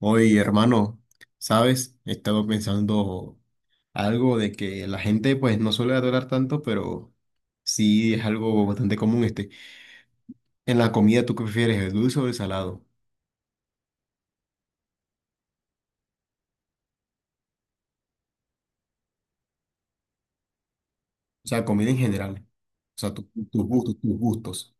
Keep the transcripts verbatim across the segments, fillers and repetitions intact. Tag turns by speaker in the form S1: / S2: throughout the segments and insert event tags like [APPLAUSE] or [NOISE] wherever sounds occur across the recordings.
S1: Oye, hermano, ¿sabes? He estado pensando algo de que la gente pues no suele adorar tanto, pero sí es algo bastante común este. En la comida, ¿tú qué prefieres, el dulce o el salado? O sea, comida en general. O sea, tu- tus gustos, tus gustos.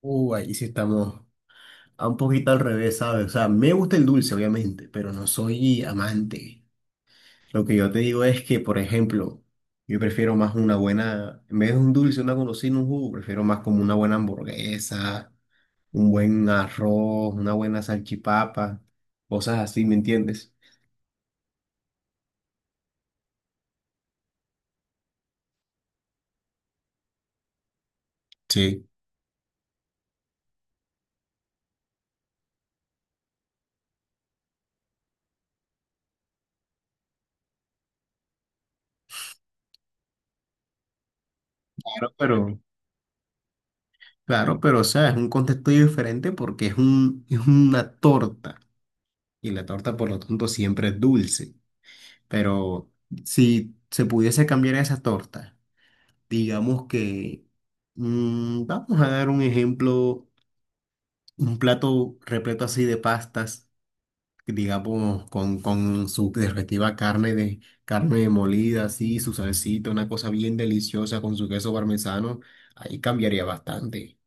S1: Uh, ahí sí estamos a un poquito al revés, ¿sabes? O sea, me gusta el dulce, obviamente, pero no soy amante. Lo que yo te digo es que, por ejemplo, yo prefiero más una buena, en vez de un dulce, una golosina, un jugo, prefiero más como una buena hamburguesa, un buen arroz, una buena salchipapa, cosas así, ¿me entiendes? Sí. Claro, pero, claro, pero, o sea, es un contexto diferente porque es un, es una torta y la torta, por lo tanto, siempre es dulce. Pero si se pudiese cambiar esa torta, digamos que, mm, vamos a dar un ejemplo. Un plato repleto así de pastas, digamos, con, con su respectiva carne de carne molida, así, su salsita, una cosa bien deliciosa con su queso parmesano, ahí cambiaría bastante.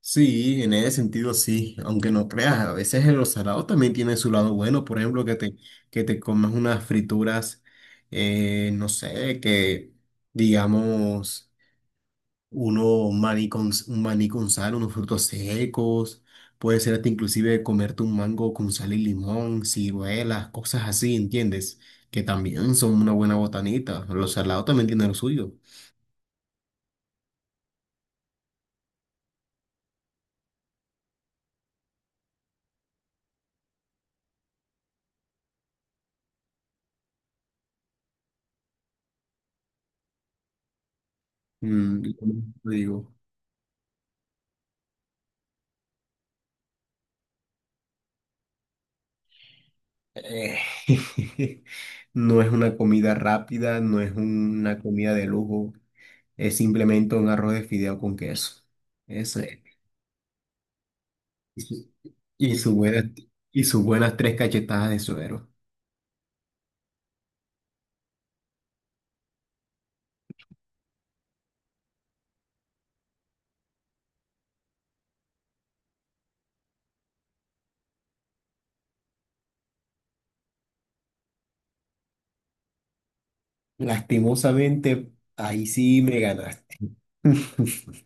S1: Sí, en ese sentido sí, aunque no creas, a veces el salado también tiene su lado bueno, por ejemplo, que te, que te comas unas frituras, eh, no sé, que digamos uno maní con, un maní con sal, unos frutos secos, puede ser hasta inclusive comerte un mango con sal y limón, ciruelas, cosas así, ¿entiendes? Que también son una buena botanita. Los salados también tienen lo suyo. Mm, y como te digo, eh, [LAUGHS] no es una comida rápida, no es una comida de lujo, es simplemente un arroz de fideo con queso. Eso es. Y su- y su buena- y sus buenas tres cachetadas de suero. Lastimosamente, ahí sí me ganaste. [LAUGHS]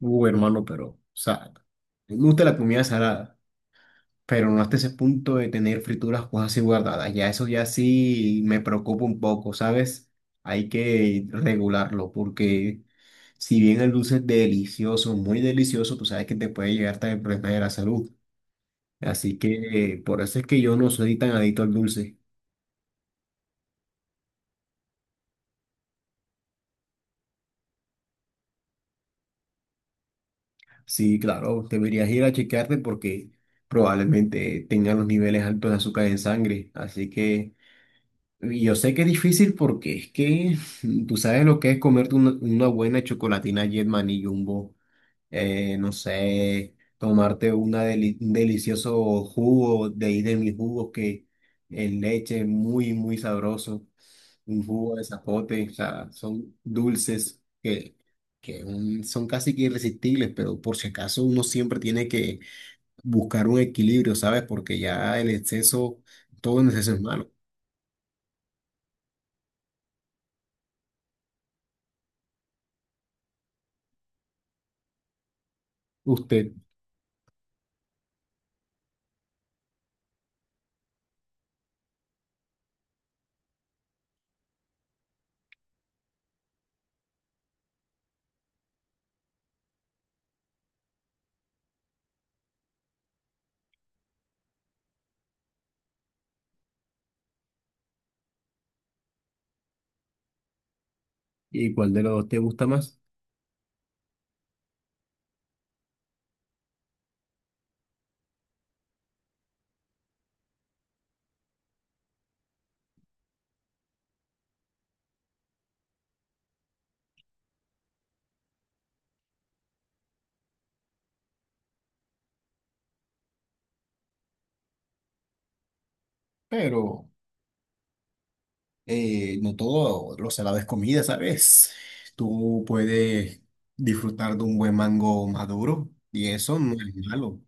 S1: Uh, hermano, pero, o sea, me gusta la comida salada, pero no hasta ese punto de tener frituras cosas así guardadas. Ya eso ya sí me preocupa un poco, ¿sabes? Hay que regularlo porque si bien el dulce es delicioso, muy delicioso, tú sabes que te puede llegar hasta el problema de la salud. Así que eh, por eso es que yo no soy tan adicto al dulce. Sí, claro, deberías ir a chequearte porque probablemente tengan los niveles altos de azúcar en sangre. Así que y yo sé que es difícil porque es que [LAUGHS] tú sabes lo que es comerte una, una buena chocolatina Jetman y Jumbo, eh, no sé, tomarte una deli- un delicioso jugo de ahí de mis jugos que en leche muy, muy sabroso, un jugo de zapote, o sea, son dulces que, que un- son casi que irresistibles, pero por si acaso uno siempre tiene que buscar un equilibrio, ¿sabes? Porque ya el exceso, todo en exceso es malo. ¿Usted? ¿Y cuál de los dos te gusta más? Pero... eh, no todo lo salado es comida, ¿sabes? Tú puedes disfrutar de un buen mango maduro y eso no es malo.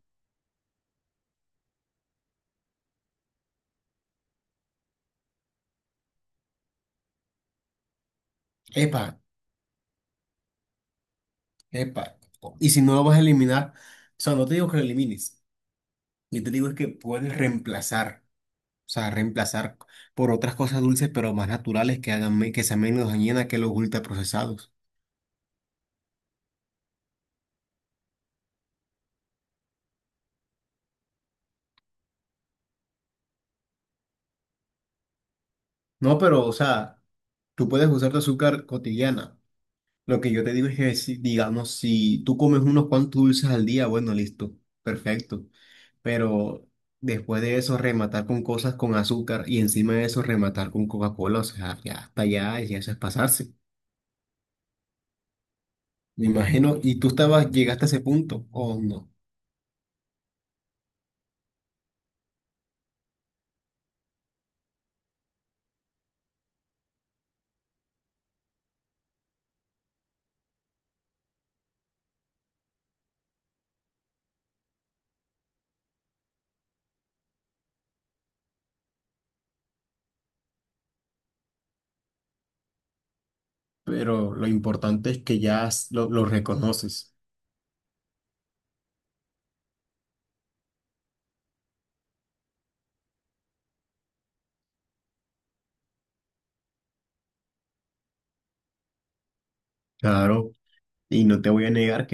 S1: Epa, epa. Y si no lo vas a eliminar, o sea, no te digo que lo elimines, yo te digo es que puedes reemplazar, o sea, reemplazar por otras cosas dulces pero más naturales que hagan, me- que sean menos dañinas que los ultraprocesados. No, pero, o sea, tú puedes usar tu azúcar cotidiana. Lo que yo te digo es que, si, digamos, si tú comes unos cuantos dulces al día, bueno, listo, perfecto. Pero después de eso, rematar con cosas con azúcar y encima de eso, rematar con Coca-Cola, o sea, ya hasta allá, ya eso es pasarse. Me imagino, y tú estabas, llegaste a ese punto, o no. Pero lo importante es que ya s- lo, lo reconoces. Claro, y no te voy a negar.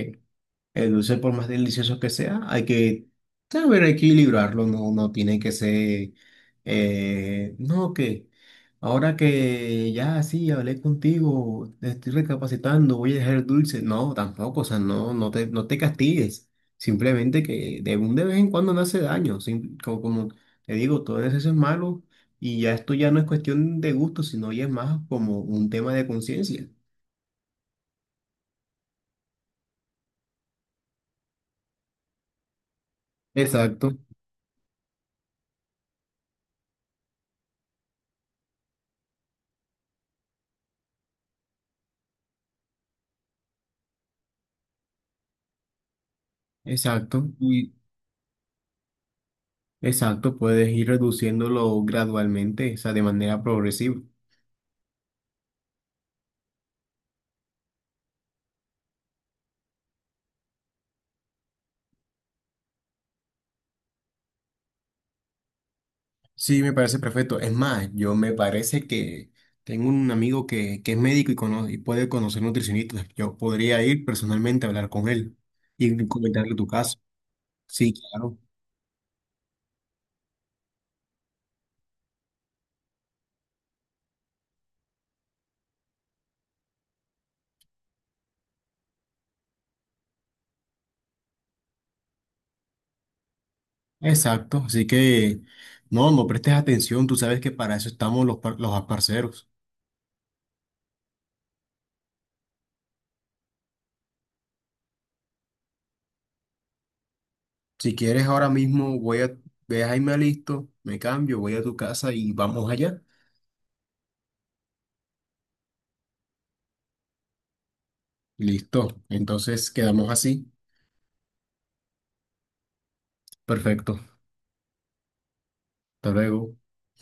S1: El dulce, por más delicioso que sea, hay que saber equilibrarlo, no, no tiene que ser, eh, no, que ahora que ya sí hablé contigo, estoy recapacitando, voy a dejar el dulce. No, tampoco, o sea, no, no te, no te castigues. Simplemente que de un de vez en cuando no hace daño. sim- Como, como te digo, todo eso es malo y ya esto ya no es cuestión de gusto, sino ya es más como un tema de conciencia. Exacto, exacto. Y exacto, puedes ir reduciéndolo gradualmente, o sea, de manera progresiva. Sí, me parece perfecto. Es más, yo me parece que tengo un amigo que, que es médico y, cono- y puede conocer nutricionistas. Yo podría ir personalmente a hablar con él y comentarle tu caso. Sí, claro. Exacto, así que no, no prestes atención, tú sabes que para eso estamos los, par- los parceros. Si quieres, ahora mismo voy a, deja y me listo, me cambio, voy a tu casa y vamos allá. Listo, entonces quedamos así. Perfecto. Hasta luego.